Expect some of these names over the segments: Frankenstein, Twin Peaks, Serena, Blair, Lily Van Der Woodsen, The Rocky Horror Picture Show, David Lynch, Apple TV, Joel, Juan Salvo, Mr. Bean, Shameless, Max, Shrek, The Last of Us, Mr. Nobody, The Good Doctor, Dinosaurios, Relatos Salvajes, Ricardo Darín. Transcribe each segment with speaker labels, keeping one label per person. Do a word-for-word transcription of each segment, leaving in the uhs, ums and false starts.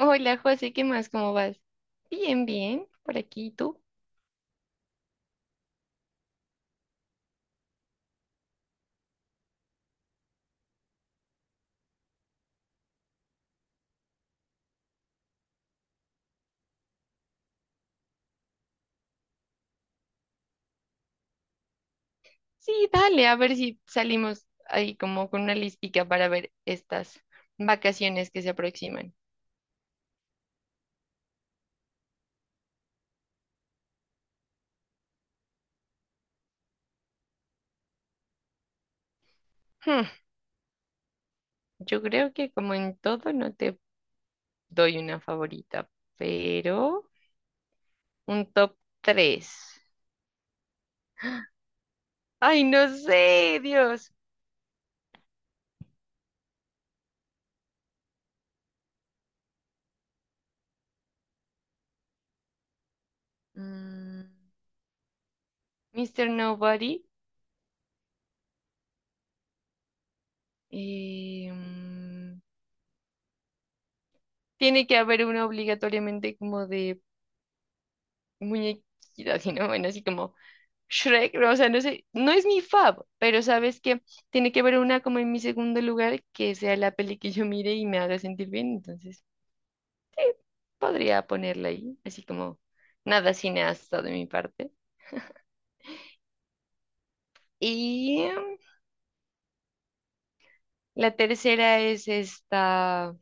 Speaker 1: Hola José, ¿qué más? ¿Cómo vas? Bien, bien, por aquí, ¿y ¿tú? Sí, dale, a ver si salimos ahí como con una listica para ver estas vacaciones que se aproximan. Hmm, yo creo que como en todo no te doy una favorita, pero un top tres. Ay, no sé, Dios. Mm, mister Nobody. eh, mm, Tiene que haber una obligatoriamente como de muñequita, sino bueno, así como Shrek, no, o sea, no sé, no es mi fav, pero sabes que tiene que haber una como en mi segundo lugar que sea la peli que yo mire y me haga sentir bien, entonces podría ponerla ahí, así como nada cineasta de mi parte. Y em, la tercera es esta,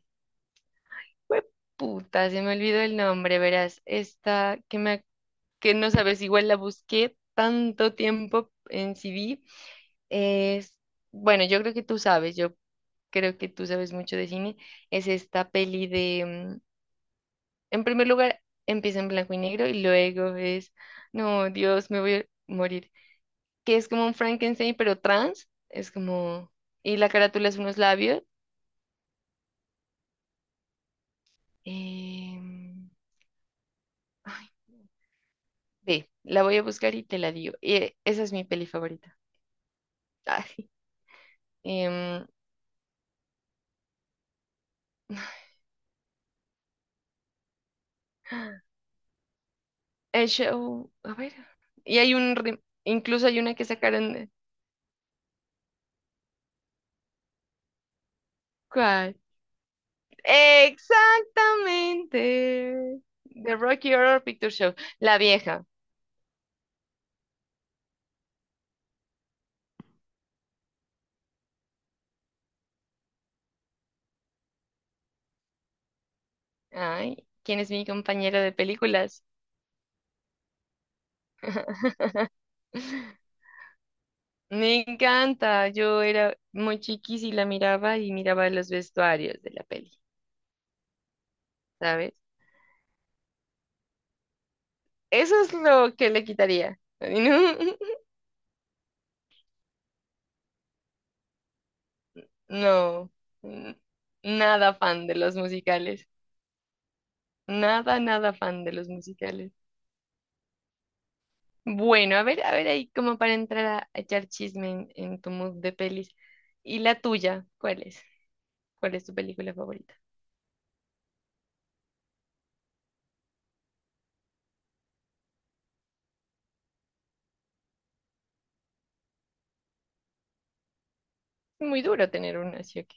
Speaker 1: puta, se me olvidó el nombre, verás, esta que me, que no sabes, igual la busqué tanto tiempo en C D, es, bueno, yo creo que tú sabes, yo creo que tú sabes mucho de cine, es esta peli de, mm, en primer lugar, empieza en blanco y negro y luego es, no, Dios, me voy a morir, que es como un Frankenstein, pero trans, es como, y la carátula es unos labios. em, Ay, ve, la voy a buscar y te la digo. Y esa es mi peli favorita. Ay, em, el show, a ver. Y hay un, re- incluso hay una que sacaron, de- ¿cuál? Exactamente. The Rocky Horror Picture Show. La vieja. Ay, ¿quién es mi compañera de películas? Me encanta. Yo era muy chiquis y la miraba y miraba los vestuarios de la peli, ¿sabes? Eso es lo que le quitaría. No, no. n- Nada fan de los musicales. Nada, nada fan de los musicales. Bueno, a ver, a ver ahí como para entrar a, a echar chisme en, en tu mood de pelis. ¿Y la tuya? ¿Cuál es? ¿Cuál es tu película favorita? Muy duro tener una así aquí.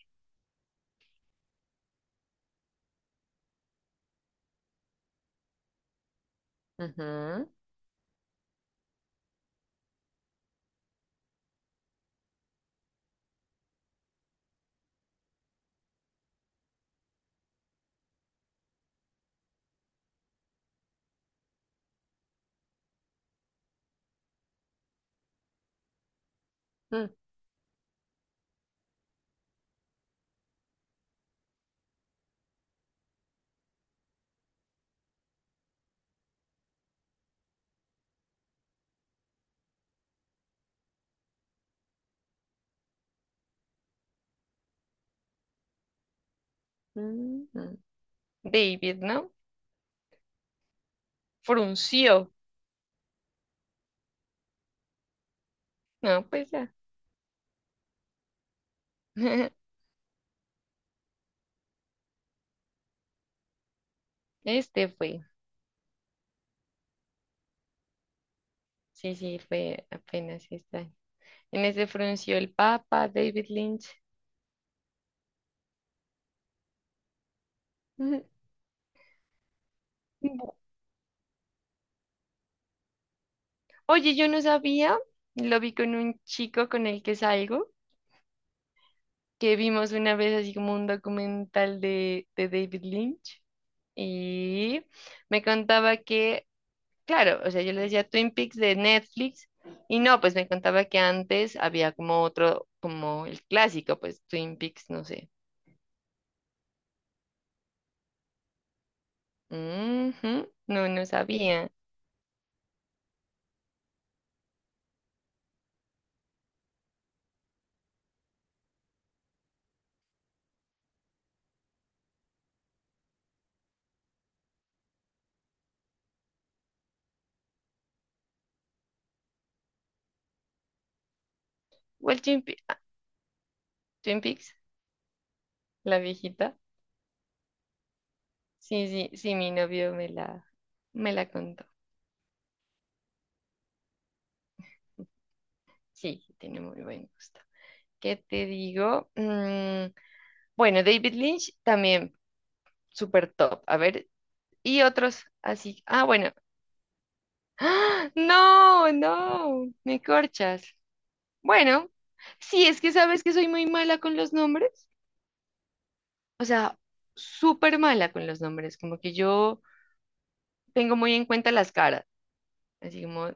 Speaker 1: Ujú, ujú, ujú. David, ¿no? Frunció. No, pues ya. Este fue. Sí, sí, fue apenas este año. En ese frunció el Papa, David Lynch. Oye, yo no sabía, lo vi con un chico con el que salgo, que vimos una vez así como un documental de, de David Lynch y me contaba que, claro, o sea, yo le decía Twin Peaks de Netflix y no, pues me contaba que antes había como otro, como el clásico, pues Twin Peaks, no sé. Ujú, no, no sabía. Igual Twin, Pe- ah, Twin Peaks, la viejita. Sí, sí, sí, mi novio me la, me la contó. Sí, tiene muy buen gusto. ¿Qué te digo? Mm, bueno, David Lynch también. Super top. A ver, y otros así. Ah, bueno. ¡Ah! No, no, me corchas. Bueno, sí, es que sabes que soy muy mala con los nombres. O sea, súper mala con los nombres. Como que yo tengo muy en cuenta las caras. Así como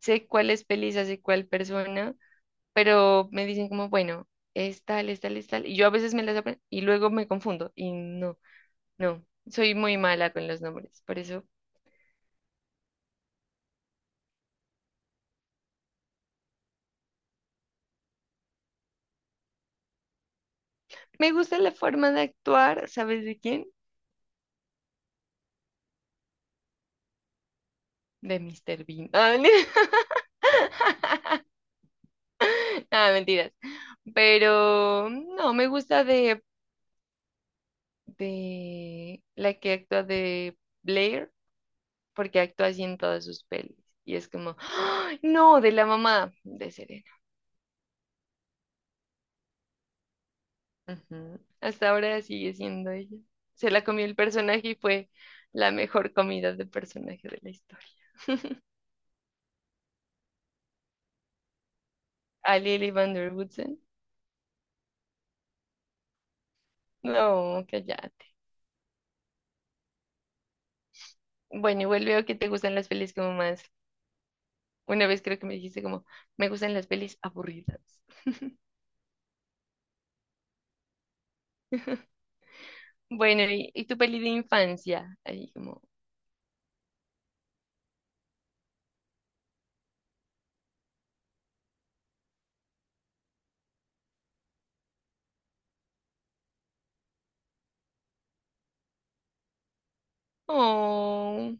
Speaker 1: sé cuál es Pelisa, sé cuál persona, pero me dicen como, bueno, es tal, es tal, es tal. Y yo a veces me las aprendo y luego me confundo. Y no, no, soy muy mala con los nombres. Por eso me gusta la forma de actuar, ¿sabes de quién? De mister Bean. Ah, nada, mentiras. Pero no, me gusta de, de la que actúa de Blair, porque actúa así en todas sus pelis. Y es como, ¡ay! No, de la mamá de Serena. Ujú. Hasta ahora sigue siendo ella. Se la comió el personaje y fue la mejor comida de personaje de la historia. A Lily Van Der Woodsen. No, cállate. Bueno, igual veo que te gustan las pelis como más. Una vez creo que me dijiste como, me gustan las pelis aburridas. Bueno, ¿y, y tu peli de infancia? Ahí como, oh,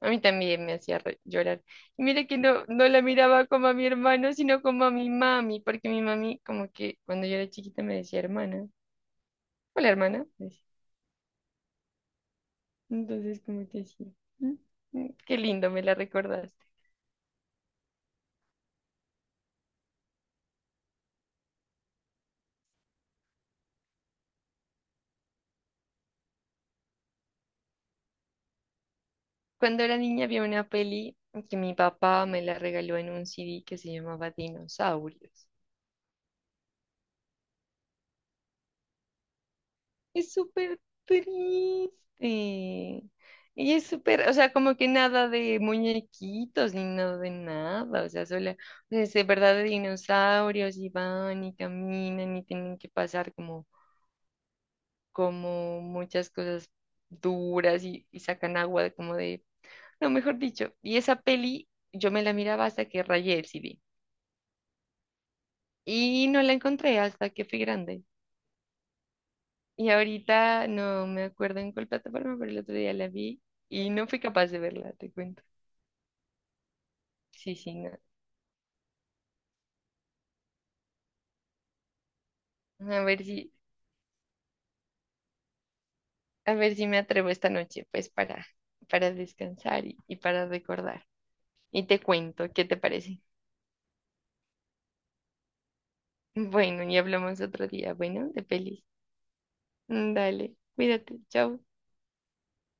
Speaker 1: a mí también me hacía re- llorar. Y mira que no, no la miraba como a mi hermano, sino como a mi mami, porque mi mami como que cuando yo era chiquita me decía hermana. Hola, hermana, me decía. Entonces como que sí. Mm, mm, qué lindo, me la recordaste. Cuando era niña había una peli que mi papá me la regaló en un C D que se llamaba Dinosaurios. Es súper triste. Ella es súper, o sea, como que nada de muñequitos ni nada de nada, o sea, solo, o sea, es de verdad de dinosaurios y van y caminan y tienen que pasar como, como muchas cosas duras y, y sacan agua de como de, no, mejor dicho, y esa peli yo me la miraba hasta que rayé el C D y no la encontré hasta que fui grande. Y ahorita no me acuerdo en cuál plataforma, pero el otro día la vi y no fui capaz de verla, te cuento. Sí, sí, no. A ver si, a ver si me atrevo esta noche, pues para, para descansar y, y para recordar. Y te cuento, ¿qué te parece? Bueno, y hablamos otro día, bueno, de pelis. Mm, dale, cuídate, chao.